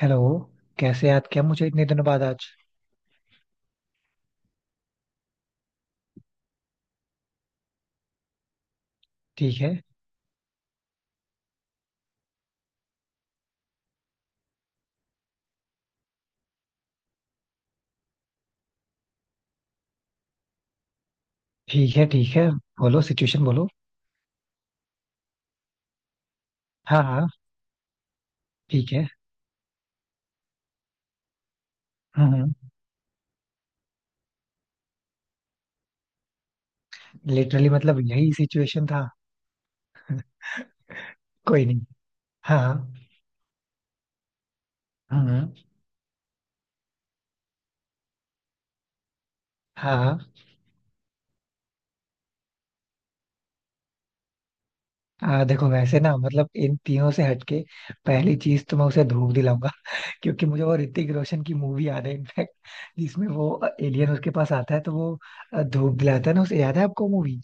Hello. कैसे याद किया मुझे इतने दिनों बाद आज? ठीक है, ठीक है। ठीक है, बोलो, सिचुएशन बोलो। हाँ हाँ। ठीक है। हम्म हम्म। लिटरली मतलब यही सिचुएशन था। कोई नहीं। हाँ हाँ। हम्म। हाँ हाँ। देखो वैसे ना मतलब इन तीनों से हटके पहली चीज तो मैं उसे धूप दिलाऊंगा क्योंकि मुझे वो ऋतिक रोशन की मूवी याद है इनफैक्ट, जिसमें वो एलियन उसके पास आता है तो वो धूप दिलाता है ना उसे, याद है आपको मूवी?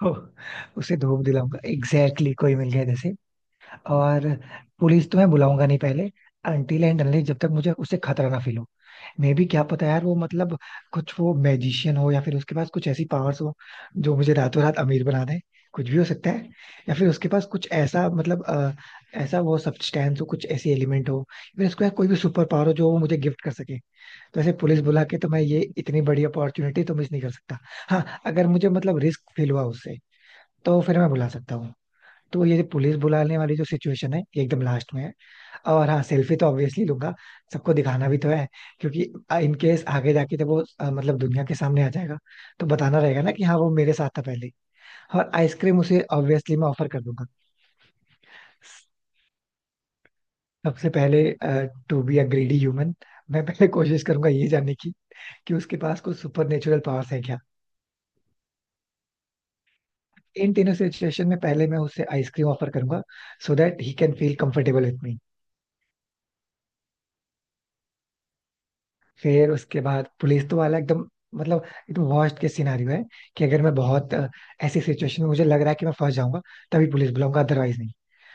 तो उसे धूप दिलाऊंगा एग्जैक्टली exactly, कोई मिल गया जैसे। और पुलिस तो मैं बुलाऊंगा नहीं पहले, अनटिल एंड अनलेस जब तक मुझे उससे खतरा ना फील हो। मे भी क्या पता यार वो मतलब कुछ वो मैजिशियन हो या फिर उसके पास कुछ ऐसी पावर्स हो जो मुझे रातों रात अमीर बना दे, कुछ भी हो सकता है। या फिर उसके पास कुछ ऐसा मतलब ऐसा वो सब्सटेंस हो, कुछ ऐसी एलिमेंट हो या फिर उसके पास कोई भी सुपर पावर हो जो वो मुझे गिफ्ट कर सके। तो ऐसे पुलिस बुला के तो मैं ये इतनी बड़ी अपॉर्चुनिटी तो मिस नहीं कर सकता। हाँ, अगर मुझे मतलब रिस्क फील हुआ उससे तो फिर मैं बुला सकता हूँ। तो ये पुलिस बुलाने वाली जो सिचुएशन है ये एकदम लास्ट में है। और हाँ, सेल्फी तो ऑब्वियसली लूंगा, सबको दिखाना भी तो है, क्योंकि इन केस आगे जाके जब वो मतलब दुनिया के सामने आ जाएगा तो बताना रहेगा ना कि हाँ वो मेरे साथ था पहले। और आइसक्रीम उसे ऑब्वियसली मैं ऑफर कर दूंगा। सबसे पहले, to be a greedy human, मैं पहले कोशिश करूंगा ये जानने की कि उसके पास कुछ सुपर नेचुरल पावर्स है क्या। इन तीनों सिचुएशन में पहले मैं उसे आइसक्रीम ऑफर करूंगा, so that he can feel comfortable with me. फिर उसके बाद पुलिस तो वाला एकदम मतलब एकदम वर्स्ट केस सिनारियो है, कि अगर मैं बहुत ऐसी सिचुएशन में मुझे लग रहा है कि मैं फंस जाऊंगा तभी पुलिस बुलाऊंगा, अदरवाइज नहीं।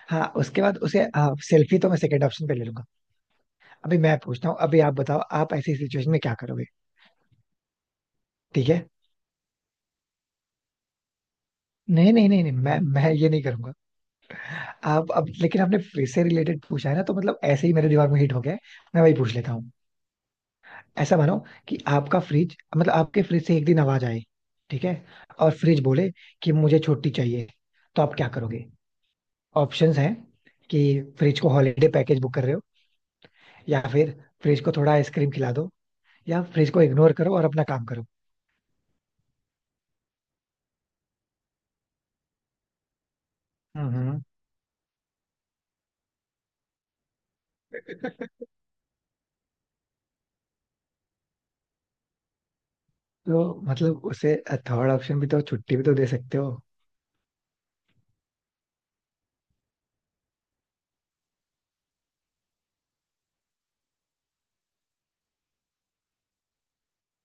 हाँ, उसके बाद उसे सेल्फी तो मैं सेकंड ऑप्शन पे ले लूंगा। अभी मैं पूछता हूँ, अभी आप बताओ, आप ऐसी सिचुएशन में क्या करोगे? ठीक है। नहीं नहीं नहीं नहीं, मैं ये नहीं करूंगा। आप अब लेकिन आपने फ्रिज से रिलेटेड पूछा है ना तो मतलब ऐसे ही मेरे दिमाग में हिट हो गया है, मैं वही पूछ लेता हूँ। ऐसा मानो कि आपका फ्रिज मतलब आपके फ्रिज से एक दिन आवाज आए। ठीक है। और फ्रिज बोले कि मुझे छुट्टी चाहिए, तो आप क्या करोगे? ऑप्शंस हैं कि फ्रिज को हॉलीडे पैकेज बुक कर रहे हो या फिर फ्रिज को थोड़ा आइसक्रीम खिला दो या फ्रिज को इग्नोर करो और अपना काम करो। हम्म। तो मतलब उसे थर्ड ऑप्शन भी तो छुट्टी भी तो दे सकते हो।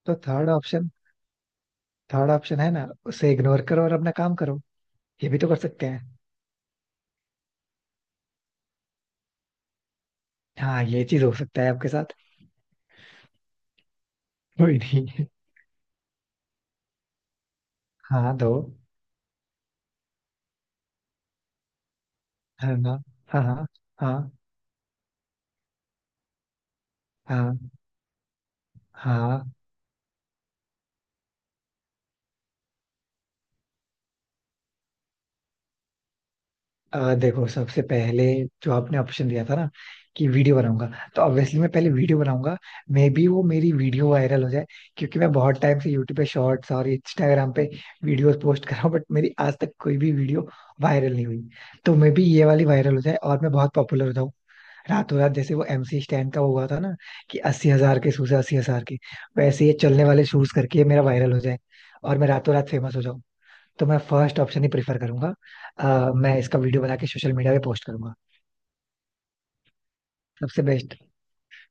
तो थर्ड ऑप्शन, थर्ड ऑप्शन है ना उसे इग्नोर करो और अपना काम करो, ये भी तो कर सकते हैं। हाँ, ये चीज हो सकता है आपके साथ। कोई नहीं, हाँ दो। है ना? हाँ हाँ हाँ हाँ हाँ। देखो, सबसे पहले जो आपने ऑप्शन दिया था ना कि वीडियो बनाऊंगा, तो ऑब्वियसली मैं पहले वीडियो बनाऊंगा। मे बी वो मेरी वीडियो वायरल हो जाए, क्योंकि मैं बहुत टाइम से यूट्यूब पे शॉर्ट्स और इंस्टाग्राम पे वीडियोस पोस्ट कर रहा हूँ बट मेरी आज तक कोई भी वीडियो वायरल नहीं हुई। तो मे बी ये वाली वायरल हो जाए और मैं बहुत पॉपुलर हो जाऊँ रातों रात, जैसे वो एमसी स्टैन का हुआ था ना कि 80,000 के शूज है, 80,000 के। वैसे ये चलने वाले शूज करके ये मेरा वायरल हो जाए और मैं रातों रात फेमस हो जाऊँ। तो मैं फर्स्ट ऑप्शन ही प्रेफर करूंगा, मैं इसका वीडियो बना के सोशल मीडिया पे पोस्ट करूंगा। सबसे बेस्ट।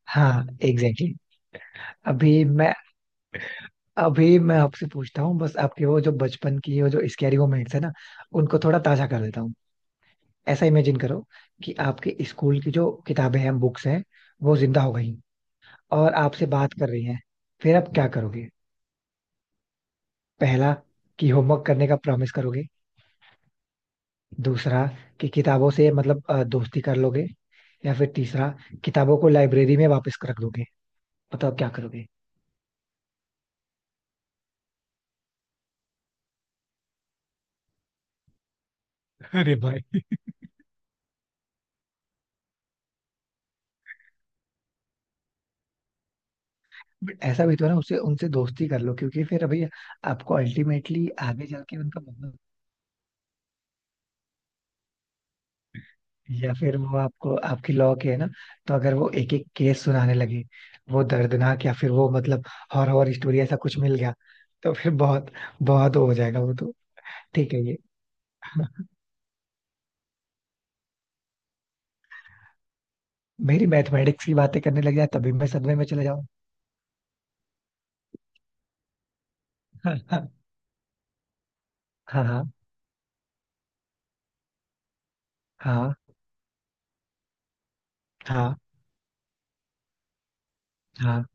हाँ, एग्जैक्टली exactly. अभी मैं अभी मैं आपसे पूछता हूँ बस, आपके वो जो बचपन की वो जो स्कैरी मोमेंट्स है ना उनको थोड़ा ताजा कर देता हूँ। ऐसा इमेजिन करो कि आपके स्कूल की जो किताबें हैं, बुक्स हैं, वो जिंदा हो गई और आपसे बात कर रही हैं, फिर आप क्या करोगे? पहला कि होमवर्क करने का प्रॉमिस करोगे, दूसरा कि किताबों से मतलब दोस्ती कर लोगे, या फिर तीसरा किताबों को लाइब्रेरी में वापस रख दोगे। बताओ क्या करोगे? अरे भाई! बट ऐसा भी तो है ना उससे उनसे दोस्ती कर लो क्योंकि फिर अभी आपको अल्टीमेटली आगे चल के उनका मतलब, या फिर वो आपको आपकी लॉ के है ना, तो अगर वो एक एक केस सुनाने लगे, वो दर्दनाक या फिर वो मतलब हॉरर स्टोरी ऐसा कुछ मिल गया तो फिर बहुत बहुत हो जाएगा वो तो। ठीक है, ये मेरी मैथमेटिक्स की बातें करने लग जाए तभी मैं सदमे में चले जाऊँ। हाँ हाँ हाँ हाँ हाँ।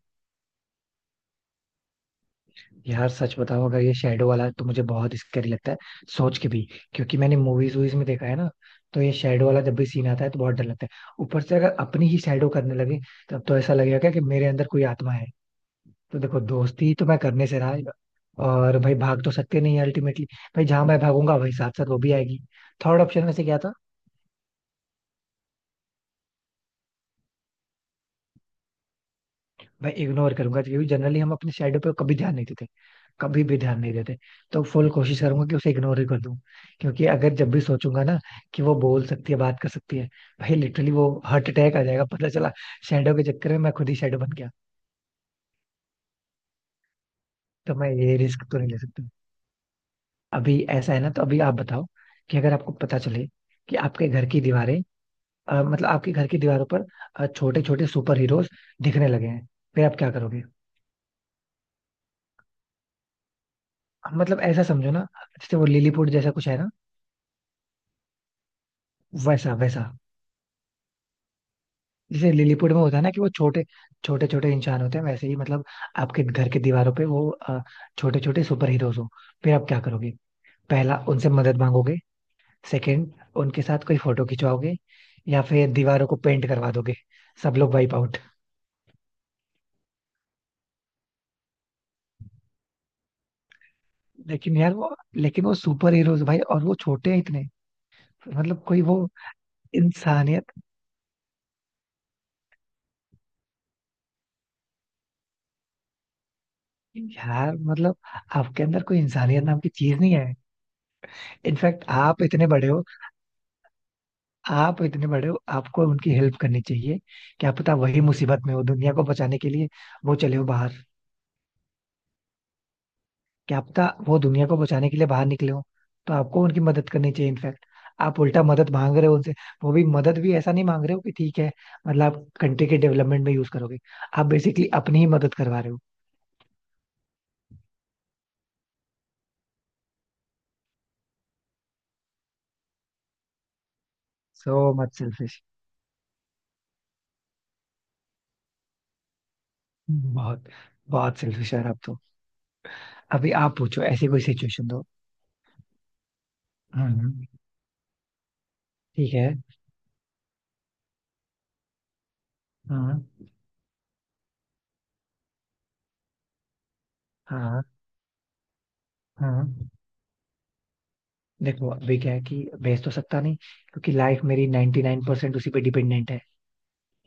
यार सच बताओ, अगर ये शेडो वाला तो मुझे बहुत स्कैरी लगता है सोच के भी, क्योंकि मैंने मूवीज वूवीज में देखा है ना, तो ये शेडो वाला जब भी सीन आता है तो बहुत डर लगता है, ऊपर से अगर अपनी ही शेडो करने लगे तब तो ऐसा लगेगा क्या कि मेरे अंदर कोई आत्मा है। तो देखो दोस्ती तो मैं करने से रहा है, और भाई भाग तो सकते नहीं अल्टीमेटली। भाई जहां मैं भागूंगा वही साथ साथ वो भी आएगी। थर्ड ऑप्शन में से क्या था? मैं इग्नोर करूंगा, क्योंकि जनरली हम अपने शैडो पे कभी ध्यान नहीं देते, कभी भी ध्यान नहीं देते। तो फुल कोशिश करूंगा कि उसे इग्नोर ही कर दूं, क्योंकि अगर जब भी सोचूंगा ना कि वो बोल सकती है बात कर सकती है, भाई लिटरली वो हार्ट अटैक आ जाएगा पता चला। शैडो के चक्कर में मैं खुद ही शैडो बन गया। तो मैं ये रिस्क तो नहीं ले सकता। अभी ऐसा है ना, तो अभी आप बताओ कि अगर आपको पता चले कि आपके घर की दीवारें मतलब आपके घर की दीवारों पर छोटे छोटे सुपर हीरोज दिखने लगे हैं, फिर आप क्या करोगे? मतलब ऐसा समझो ना, जैसे वो लिलीपुट जैसा कुछ है ना, वैसा वैसा। जैसे लिलीपुट में होता है ना कि वो छोटे छोटे छोटे इंसान होते हैं वैसे ही मतलब आपके घर की दीवारों पे वो छोटे छोटे सुपर हीरोज हो, फिर आप क्या करोगे? पहला उनसे मदद मांगोगे, सेकंड उनके साथ कोई फोटो खिंचवाओगे, या फिर दीवारों को पेंट करवा दोगे, सब लोग वाइप आउट। लेकिन यार वो, लेकिन वो सुपर हीरोज भाई और वो छोटे हैं इतने, मतलब कोई वो इंसानियत। यार मतलब आपके अंदर कोई इंसानियत नाम की चीज नहीं है। इनफैक्ट आप इतने बड़े हो, आप इतने बड़े हो, आपको उनकी हेल्प करनी चाहिए। क्या पता वही मुसीबत में हो, दुनिया को बचाने के लिए वो चले हो बाहर। क्या पता वो दुनिया को बचाने के लिए बाहर निकले हो, तो आपको उनकी मदद करनी चाहिए इनफैक्ट। आप उल्टा मदद मांग रहे हो उनसे, वो भी मदद भी ऐसा नहीं मांग रहे हो कि ठीक है, मतलब आप कंट्री के डेवलपमेंट में यूज करोगे। आप बेसिकली अपनी ही मदद करवा रहे हो। सो मच सेल्फिश, बहुत बहुत सेल्फिश यार आप तो। अभी आप पूछो ऐसी कोई सिचुएशन दो। हम्म, ठीक है। हाँ हाँ हाँ। देखो अभी क्या है कि बेच तो सकता नहीं क्योंकि लाइफ मेरी 99% उसी पे डिपेंडेंट है,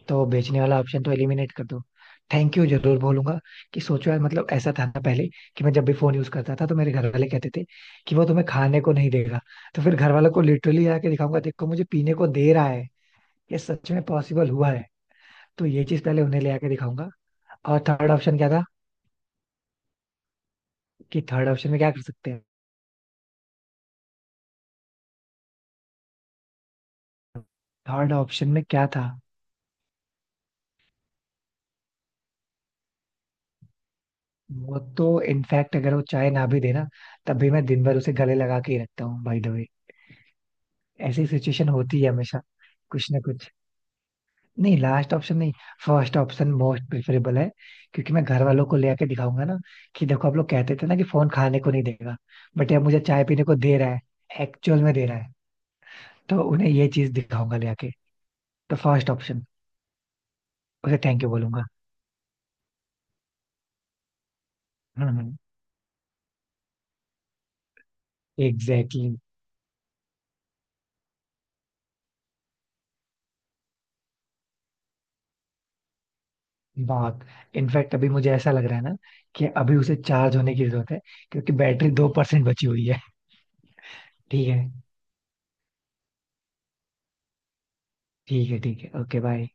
तो बेचने वाला ऑप्शन तो एलिमिनेट कर दो। थैंक यू जरूर बोलूंगा, कि सोचो यार मतलब ऐसा था ना पहले कि मैं जब भी फोन यूज करता था तो मेरे घर वाले कहते थे कि वो तुम्हें खाने को नहीं देगा। तो फिर घर वालों को लिटरली आके दिखाऊंगा, देखो मुझे पीने को दे रहा है, ये सच में पॉसिबल हुआ है। तो ये चीज पहले उन्हें ले आके दिखाऊंगा। और थर्ड ऑप्शन क्या था? कि थर्ड ऑप्शन में क्या कर सकते हैं? थर्ड ऑप्शन में क्या था? वो तो इनफैक्ट अगर वो चाय ना भी देना तब भी मैं दिन भर उसे गले लगा के ही रखता हूँ बाय द वे। ऐसी सिचुएशन होती है हमेशा कुछ ना कुछ। नहीं, लास्ट ऑप्शन नहीं, फर्स्ट ऑप्शन मोस्ट प्रेफरेबल है, क्योंकि मैं घर वालों को ले आके दिखाऊंगा ना कि देखो आप लोग कहते थे ना कि फोन खाने को नहीं देगा बट ये मुझे चाय पीने को दे रहा है, एक्चुअल में दे रहा है। तो उन्हें ये चीज दिखाऊंगा ले आके। तो फर्स्ट ऑप्शन, उसे थैंक यू बोलूंगा। हम्म, एग्जैक्टली। बहुत। इनफैक्ट अभी मुझे ऐसा लग रहा है ना कि अभी उसे चार्ज होने की जरूरत है, क्योंकि बैटरी 2% बची हुई है। ठीक है, ठीक है, ठीक है। Okay bye.